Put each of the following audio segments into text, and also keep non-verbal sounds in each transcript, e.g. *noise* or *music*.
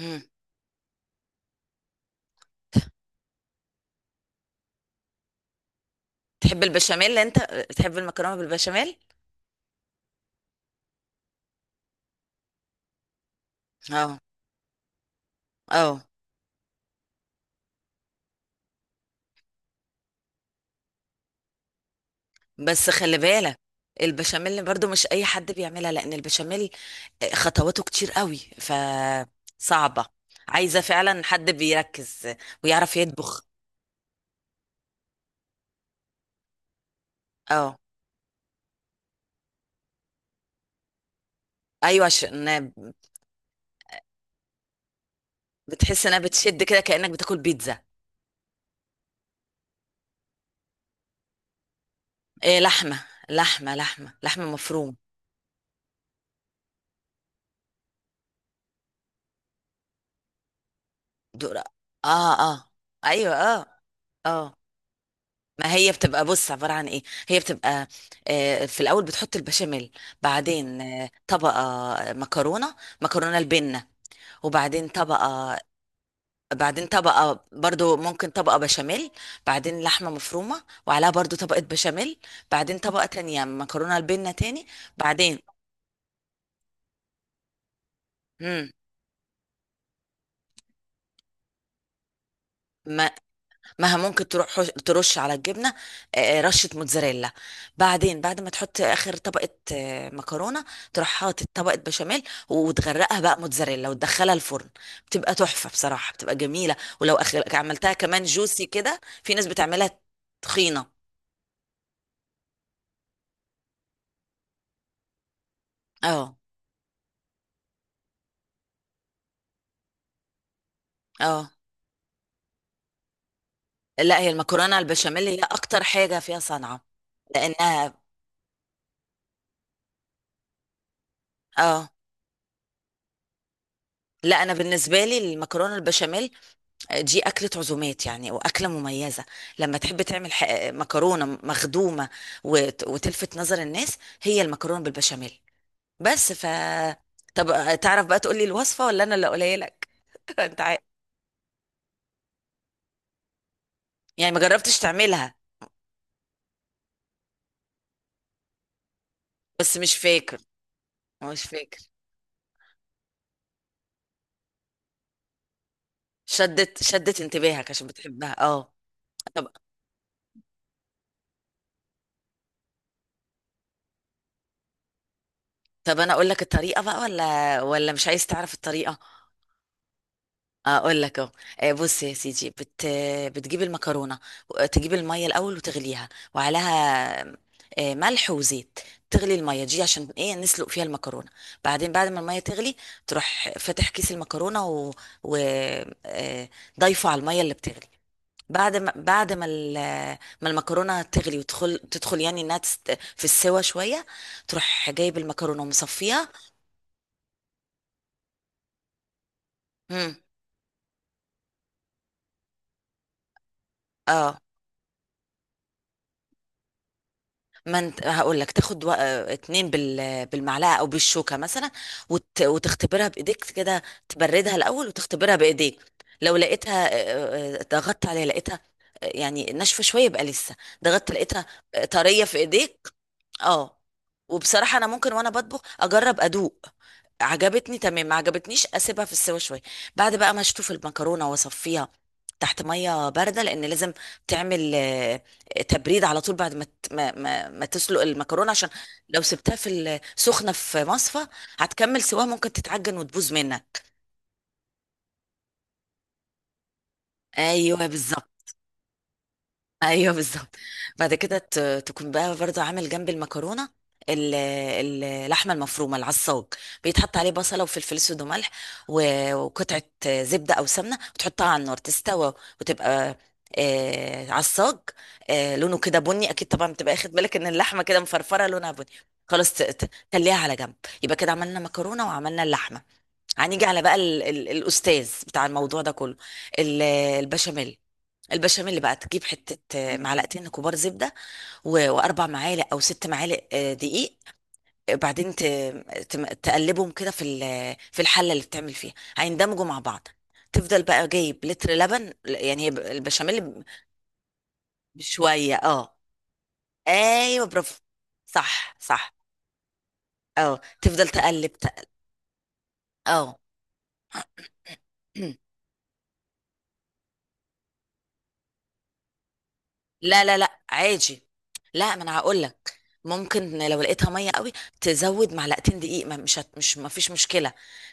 مم. تحب البشاميل انت، تحب المكرونه بالبشاميل؟ اه اه. بس خلي بالك، البشاميل برضو مش اي حد بيعملها، لان البشاميل خطواته كتير قوي فصعبه. عايزه فعلا حد بيركز ويعرف يطبخ. اه، ايوه، عشان بتحس انها بتشد كده كانك بتاكل بيتزا. إيه، لحمه مفروم. دور، اه اه، ايوه اه اه. ما هي بتبقى، بص، عبارة عن ايه؟ هي بتبقى في الاول بتحط البشاميل، بعدين طبقة مكرونة، مكرونة البنة، وبعدين طبقة، بعدين طبقة برضو، ممكن طبقة بشاميل، بعدين لحمة مفرومة وعليها برضو طبقة بشاميل، بعدين طبقة تانية مكرونة البنة تاني، بعدين مم. ما ممكن تروح ترش على الجبنه رشه موتزاريلا. بعدين بعد ما تحط اخر طبقه مكرونه، تروح حاطط طبقه بشاميل وتغرقها بقى موتزاريلا وتدخلها الفرن. بتبقى تحفه بصراحه، بتبقى جميله. ولو عملتها كمان جوسي كده، في ناس بتعملها تخينه. اه اه. لا، هي المكرونه البشاميل هي اكتر حاجه فيها صنعه، لانها اه. لا انا بالنسبه لي المكرونه البشاميل دي أكلة عزومات يعني، وأكلة مميزة لما تحب تعمل مكرونة مخدومة وتلفت نظر الناس، هي المكرونة بالبشاميل. بس ف، طب تعرف بقى تقولي الوصفة ولا أنا اللي أقولها لك؟ *laughs* أنت عارف يعني، ما جربتش تعملها؟ بس مش فاكر، مش فاكر. شدت انتباهك عشان بتحبها، اه. طب، طب أنا أقول لك الطريقة بقى ولا مش عايز تعرف الطريقة؟ اقول لك اهو. بص يا سيدي، بتجيب المكرونه تجيب الميه الاول وتغليها، وعليها ملح وزيت. تغلي الميه دي عشان ايه؟ نسلق فيها المكرونه. بعدين بعد ما الميه تغلي، تروح فاتح كيس المكرونه و... آه، ضايفه على الميه اللي بتغلي. بعد ما المكرونه تغلي وتدخل يعني انها في السوا شويه، تروح جايب المكرونه ومصفيها. مم. اه، ما انت هقول لك تاخد اتنين بالمعلقه او بالشوكه مثلا، وتختبرها بايديك كده. تبردها الاول وتختبرها بايديك. لو لقيتها اه، اه، ضغطت عليها لقيتها اه، يعني ناشفه شويه، يبقى لسه. ضغطت لقيتها اه، طريه في ايديك، اه. وبصراحه انا ممكن وانا بطبخ اجرب ادوق. عجبتني تمام، ما عجبتنيش اسيبها في السوا شويه. بعد بقى ما اشطف المكرونه واصفيها تحت ميه بارده، لان لازم تعمل تبريد على طول بعد ما ما تسلق المكرونه، عشان لو سبتها في السخنه في مصفى هتكمل سواها، ممكن تتعجن وتبوظ منك. ايوه بالظبط، ايوه بالظبط. بعد كده تكون بقى برضو عامل جنب المكرونه اللحمه المفرومه، العصاج بيتحط عليه بصله وفلفل اسود وملح وقطعه زبده او سمنه وتحطها على النار تستوى، وتبقى عصاج، لونه كده بني. اكيد طبعا بتبقى اخد بالك ان اللحمه كده مفرفره، لونها بني. خلاص، تخليها على جنب. يبقى كده عملنا مكرونه وعملنا اللحمه، هنيجي على بقى ال الاستاذ بتاع الموضوع ده كله، ال- البشاميل. البشاميل بقى تجيب حتة، معلقتين كبار زبدة وأربع معالق أو ست معالق دقيق. بعدين تقلبهم كده في في الحلة اللي بتعمل فيها، هيندمجوا مع بعض. تفضل بقى جايب لتر لبن، يعني هي البشاميل ب، بشوية اه. ايوه، برافو، صح صح، اه. تفضل تقلب اه. *clears throat* لا لا لا عادي. لا ما انا هقول لك، ممكن لو لقيتها ميه قوي تزود معلقتين دقيق، ما مش هت... مش ما فيش مشكله.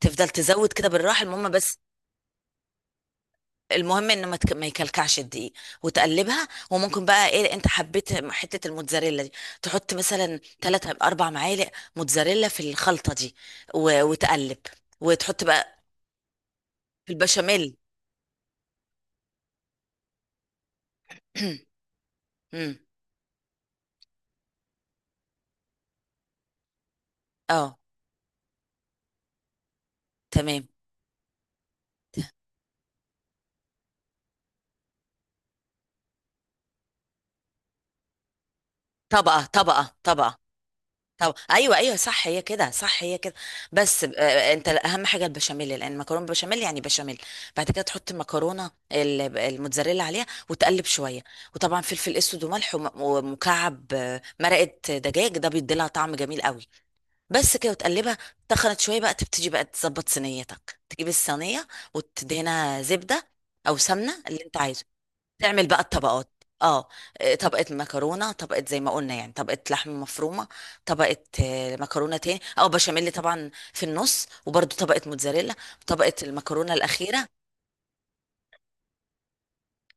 تفضل تزود كده بالراحه، المهم بس، المهم انه ما يكلكعش الدقيق وتقلبها. وممكن بقى ايه، انت حبيت حته الموتزاريلا دي، تحط مثلا 3 اربع معالق موتزاريلا في الخلطه دي وتقلب، وتحط بقى في البشاميل. *clears throat* مم. اه، تمام. طبقه طبقه. طب ايوه ايوه، صح، هي كده، صح هي كده. بس انت اهم حاجه البشاميل، لان المكرونه بالبشاميل يعني بشاميل. بعد كده تحط المكرونه الموتزاريلا عليها وتقلب شويه. وطبعا فلفل اسود وملح ومكعب مرقه دجاج، ده بيدي لها طعم جميل قوي. بس كده وتقلبها. تخنت شويه بقى، تبتدي بقى تظبط صينيتك، تجيب الصينيه وتدهنها زبده او سمنه اللي انت عايزه. تعمل بقى الطبقات. اه، طبقة مكرونة، طبقة زي ما قلنا يعني، طبقة لحمة مفرومة، طبقة مكرونة تاني، او بشاميل طبعا في النص، وبرده طبقة موتزاريلا، طبقة المكرونة الأخيرة.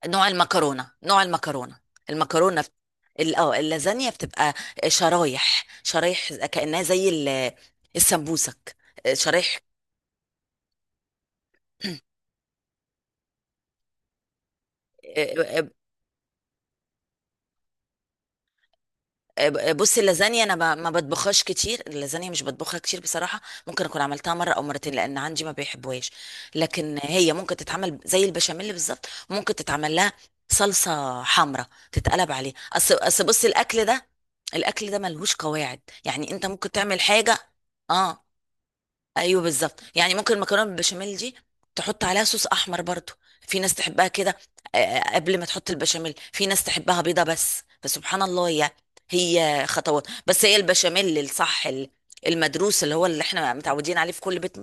نوع المكرونة، نوع المكرونة. المكرونة اللازانيا بتبقى شرايح كأنها زي السمبوسك، شرايح. آه، آه، بص، اللازانيا انا ما بطبخهاش كتير، اللازانيا مش بطبخها كتير بصراحه. ممكن اكون عملتها مره او مرتين، لان عندي ما بيحبوهاش. لكن هي ممكن تتعمل زي البشاميل بالظبط، ممكن تتعمل لها صلصه حمراء تتقلب عليه. اصل بص، الاكل ده، الاكل ده ملهوش قواعد. يعني انت ممكن تعمل حاجه، اه، ايوه بالظبط. يعني ممكن المكرونه بالبشاميل دي تحط عليها صوص احمر برضو، في ناس تحبها كده قبل ما تحط البشاميل. في ناس تحبها بيضه. بس فسبحان الله، هي هي خطوات. بس هي البشاميل الصح، المدروس اللي هو اللي احنا متعودين عليه في كل بيت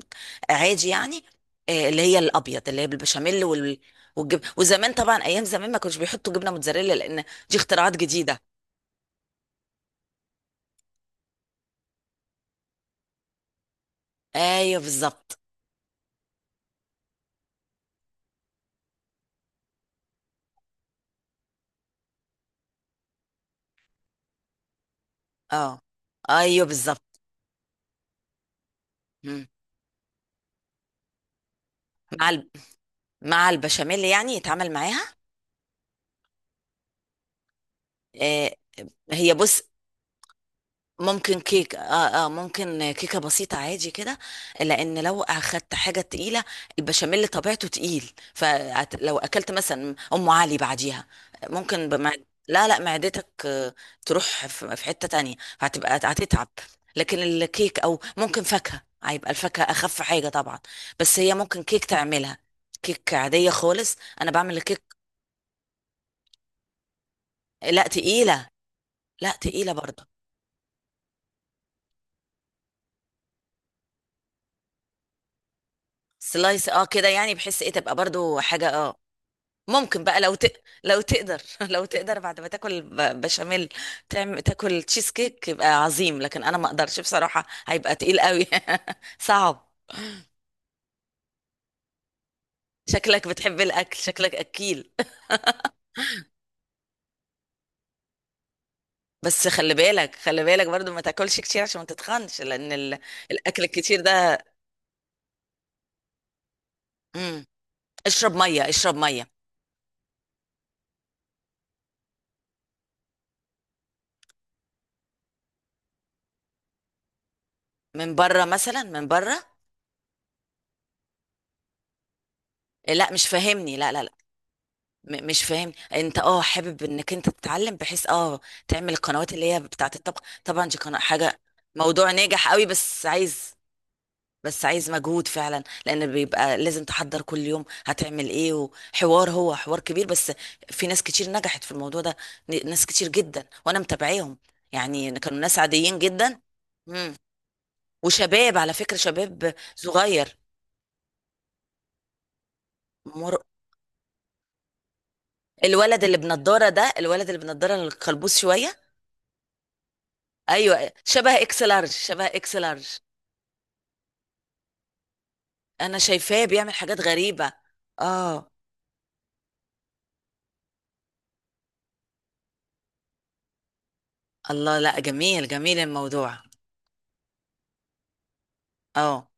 عادي يعني، اللي هي الابيض، اللي هي بالبشاميل وزمان، طبعا ايام زمان ما كانوش بيحطوا جبنه موتزاريلا، لان دي اختراعات جديده. ايوه بالظبط، اه ايوه بالظبط. مم. مع، مع البشاميل يعني يتعامل معاها، آه، هي بص، ممكن كيك، اه اه، ممكن كيكه بسيطه عادي كده. لان لو اخدت حاجه تقيله، البشاميل طبيعته تقيل، فلو اكلت مثلا ام علي بعديها، ممكن بمع... لا لا، معدتك تروح في في حته تانية، فهتبقى هتتعب. لكن الكيك او ممكن فاكهه، هيبقى الفاكهه اخف حاجه طبعا، بس هي ممكن كيك تعملها، كيك عاديه خالص. انا بعمل الكيك. لا تقيله، لا تقيله برضه. سلايس، اه كده يعني بحس ايه تبقى برضو حاجة، اه. ممكن بقى لو لو تقدر *laughs* لو تقدر بعد ما تاكل بشاميل تعمل تاكل تشيز كيك، يبقى عظيم. لكن انا ما اقدرش بصراحة، هيبقى تقيل قوي. *laughs* صعب. شكلك بتحب الاكل، شكلك اكيل. *laughs* بس خلي بالك، خلي بالك برضو ما تاكلش كتير عشان ما تتخنش، لان الاكل الكتير ده. مم. اشرب مية، اشرب مية. من بره مثلا، من بره. لا مش فاهمني، لا لا. مش فاهم، انت اه حابب انك انت تتعلم بحيث اه تعمل القنوات اللي هي بتاعه الطبخ؟ طبعا دي قناة حاجة، موضوع ناجح قوي. بس عايز، بس عايز مجهود فعلا، لان بيبقى لازم تحضر كل يوم هتعمل ايه، وحوار هو حوار كبير. بس في ناس كتير نجحت في الموضوع ده، ناس كتير جدا، وانا متابعيهم. يعني كانوا ناس عاديين جدا. مم. وشباب، على فكرة، شباب صغير. مر... الولد اللي بنضارة ده، الولد اللي بنضارة القلبوز شوية؟ ايوه، شبه اكس لارج، شبه اكس لارج. انا شايفاه بيعمل حاجات غريبه. اه. الله، لا جميل، جميل الموضوع. اه.